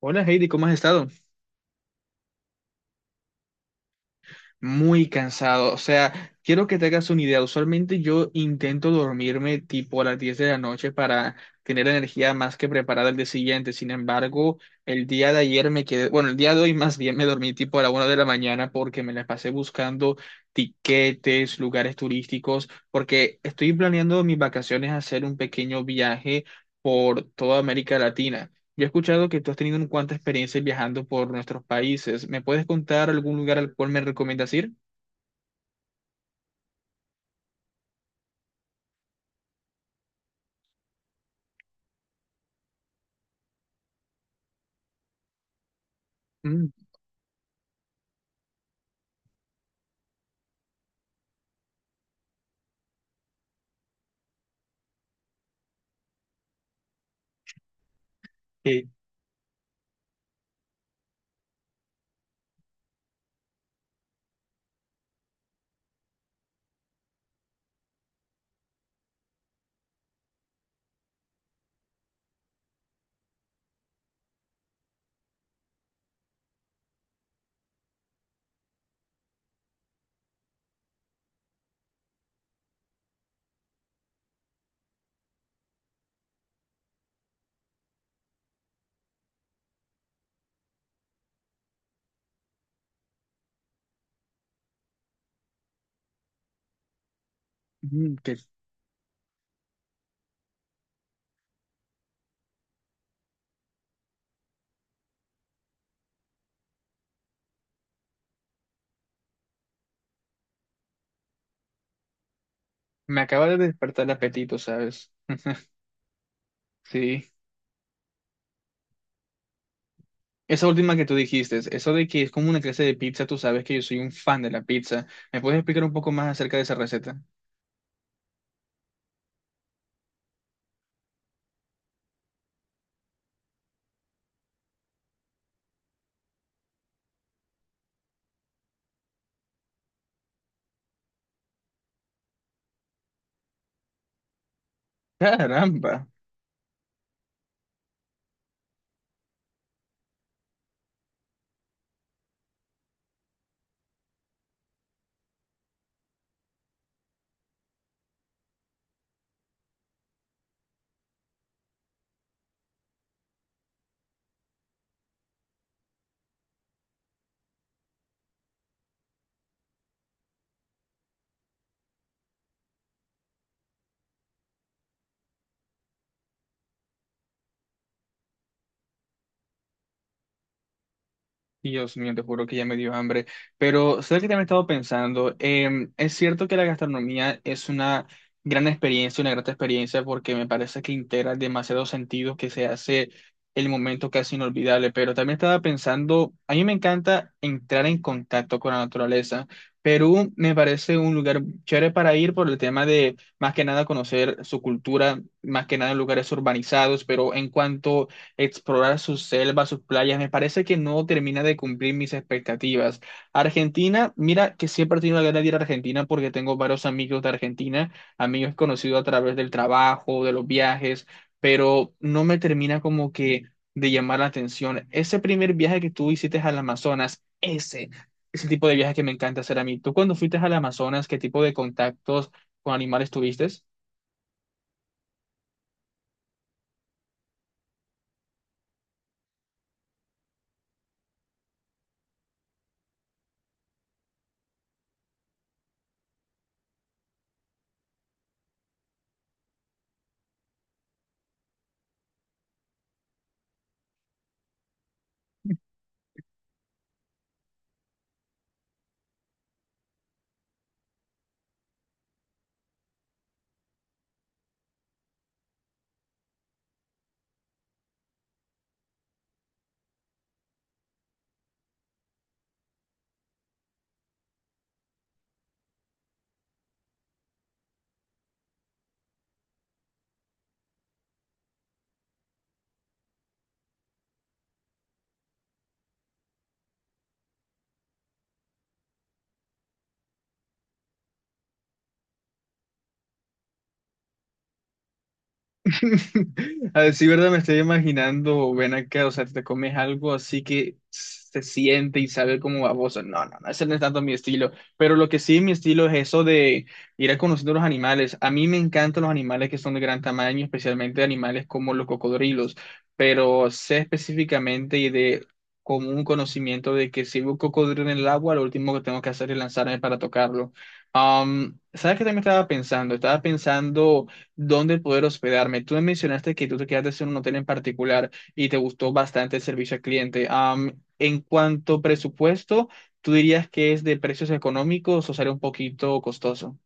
Hola Heidi, ¿cómo has estado? Muy cansado, o sea, quiero que te hagas una idea. Usualmente yo intento dormirme tipo a las 10 de la noche para tener energía más que preparada el día siguiente. Sin embargo, el día de ayer me quedé, bueno, el día de hoy más bien me dormí tipo a la 1 de la mañana porque me la pasé buscando tiquetes, lugares turísticos, porque estoy planeando mis vacaciones hacer un pequeño viaje por toda América Latina. Ya he escuchado que tú has tenido un cuanta experiencia viajando por nuestros países. ¿Me puedes contar algún lugar al cual me recomiendas ir? Mm, que, que me acaba de despertar el apetito, ¿sabes? Sí. Esa última que tú dijiste, eso de que es como una clase de pizza, tú sabes que yo soy un fan de la pizza. ¿Me puedes explicar un poco más acerca de esa receta? Caramba. Dios mío, te juro que ya me dio hambre. Pero ¿sabes que también he estado pensando? Es cierto que la gastronomía es una gran experiencia, una grata experiencia, porque me parece que integra demasiados sentidos que se hace el momento casi inolvidable. Pero también estaba pensando, a mí me encanta entrar en contacto con la naturaleza. Perú me parece un lugar chévere para ir por el tema de, más que nada, conocer su cultura, más que nada en lugares urbanizados, pero en cuanto explorar sus selvas, sus playas, me parece que no termina de cumplir mis expectativas. Argentina, mira que siempre he tenido la gana de ir a Argentina porque tengo varios amigos de Argentina, amigos conocidos a través del trabajo, de los viajes, pero no me termina como que de llamar la atención. Ese primer viaje que tú hiciste al Amazonas, ese tipo de viaje que me encanta hacer a mí. ¿Tú cuando fuiste al Amazonas, qué tipo de contactos con animales tuviste? A decir verdad, me estoy imaginando, ven acá, o sea, te comes algo así que se siente y sabe como baboso. No, no, no, ese no es tanto mi estilo. Pero lo que sí es mi estilo es eso de ir a conociendo los animales. A mí me encantan los animales que son de gran tamaño, especialmente animales como los cocodrilos. Pero sé específicamente y de como un conocimiento de que si veo un cocodrilo en el agua, lo último que tengo que hacer es lanzarme para tocarlo. ¿Sabes qué también estaba pensando? Estaba pensando dónde poder hospedarme. Tú me mencionaste que tú te quedaste en un hotel en particular y te gustó bastante el servicio al cliente. En cuanto a presupuesto, ¿tú dirías que es de precios económicos o sale un poquito costoso?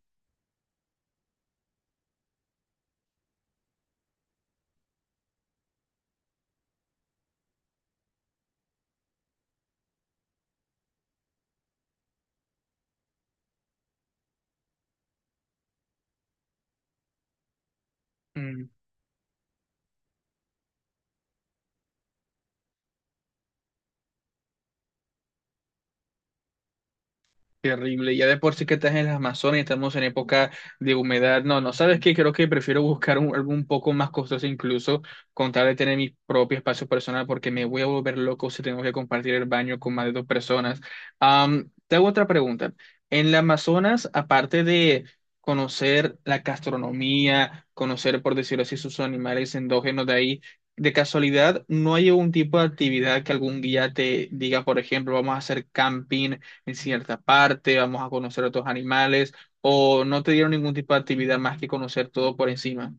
Terrible, ya de por sí que estás en las Amazonas y estamos en época de humedad. No, no, ¿sabes qué? Creo que prefiero buscar algo un poco más costoso incluso con tal de tener mi propio espacio personal porque me voy a volver loco si tengo que compartir el baño con más de dos personas. Te hago otra pregunta. En las Amazonas, aparte de conocer la gastronomía, conocer, por decirlo así, sus animales endógenos de ahí, de casualidad, ¿no hay algún tipo de actividad que algún guía te diga, por ejemplo, vamos a hacer camping en cierta parte, vamos a conocer otros animales, o no te dieron ningún tipo de actividad más que conocer todo por encima?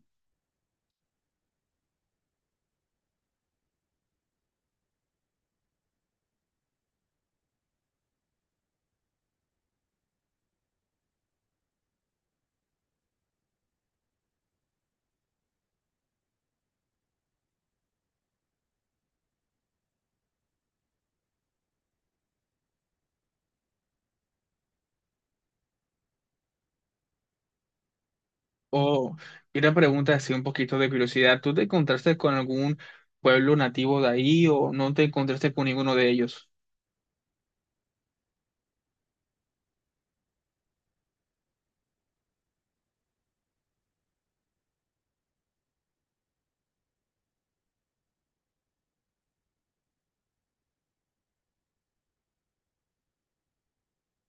Oh, y una pregunta así un poquito de curiosidad, ¿tú te encontraste con algún pueblo nativo de ahí o no te encontraste con ninguno de ellos?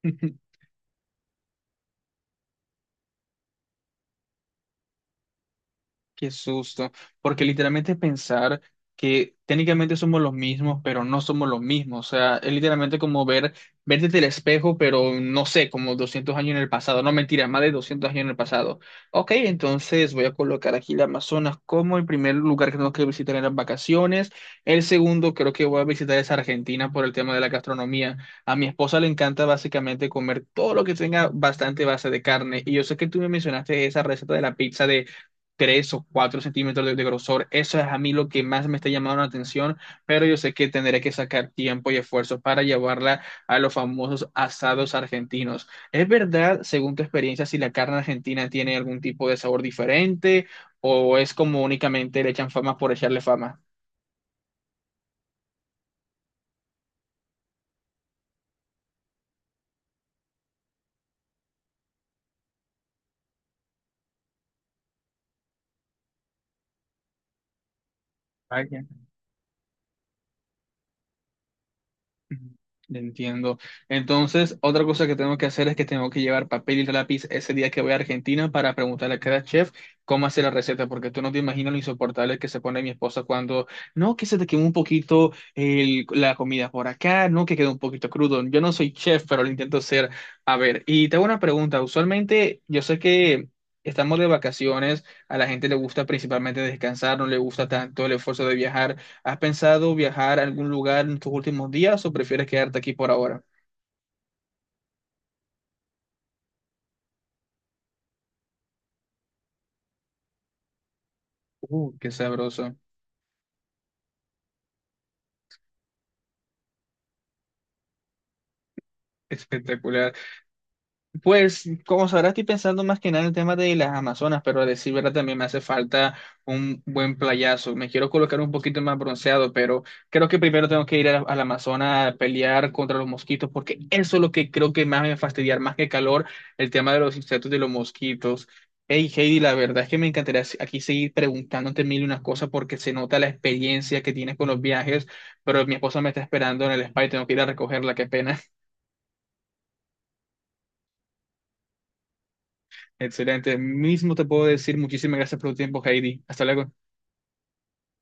Qué susto, porque literalmente pensar que técnicamente somos los mismos, pero no somos los mismos, o sea, es literalmente como ver, verte del espejo, pero no sé, como 200 años en el pasado, no, mentira, más de 200 años en el pasado. Ok, entonces voy a colocar aquí la Amazonas como el primer lugar que tengo que visitar en las vacaciones, el segundo creo que voy a visitar es Argentina por el tema de la gastronomía. A mi esposa le encanta básicamente comer todo lo que tenga bastante base de carne, y yo sé que tú me mencionaste esa receta de la pizza 3 o 4 centímetros de grosor. Eso es a mí lo que más me está llamando la atención, pero yo sé que tendré que sacar tiempo y esfuerzo para llevarla a los famosos asados argentinos. ¿Es verdad, según tu experiencia, si la carne argentina tiene algún tipo de sabor diferente o es como únicamente le echan fama por echarle fama? Vaya. Entiendo. Entonces, otra cosa que tengo que hacer es que tengo que llevar papel y lápiz ese día que voy a Argentina para preguntarle a cada chef cómo hacer la receta, porque tú no te imaginas lo insoportable que se pone mi esposa cuando, no, que se te quemó un poquito la comida por acá, no, que quedó un poquito crudo. Yo no soy chef, pero lo intento ser. A ver, y te hago una pregunta. Usualmente, yo sé que estamos de vacaciones, a la gente le gusta principalmente descansar, no le gusta tanto el esfuerzo de viajar. ¿Has pensado viajar a algún lugar en tus últimos días o prefieres quedarte aquí por ahora? Qué sabroso. Espectacular. Pues, como sabrás, estoy pensando más que nada en el tema de las Amazonas, pero a decir verdad también me hace falta un buen playazo. Me quiero colocar un poquito más bronceado, pero creo que primero tengo que ir al Amazonas a pelear contra los mosquitos, porque eso es lo que creo que más me va a fastidiar, más que calor, el tema de los insectos y los mosquitos. Hey, Heidi, la verdad es que me encantaría aquí seguir preguntándote mil y unas cosas porque se nota la experiencia que tienes con los viajes, pero mi esposa me está esperando en el spa y tengo que ir a recogerla, qué pena. Excelente. Mismo te puedo decir muchísimas gracias por tu tiempo, Heidi. Hasta luego.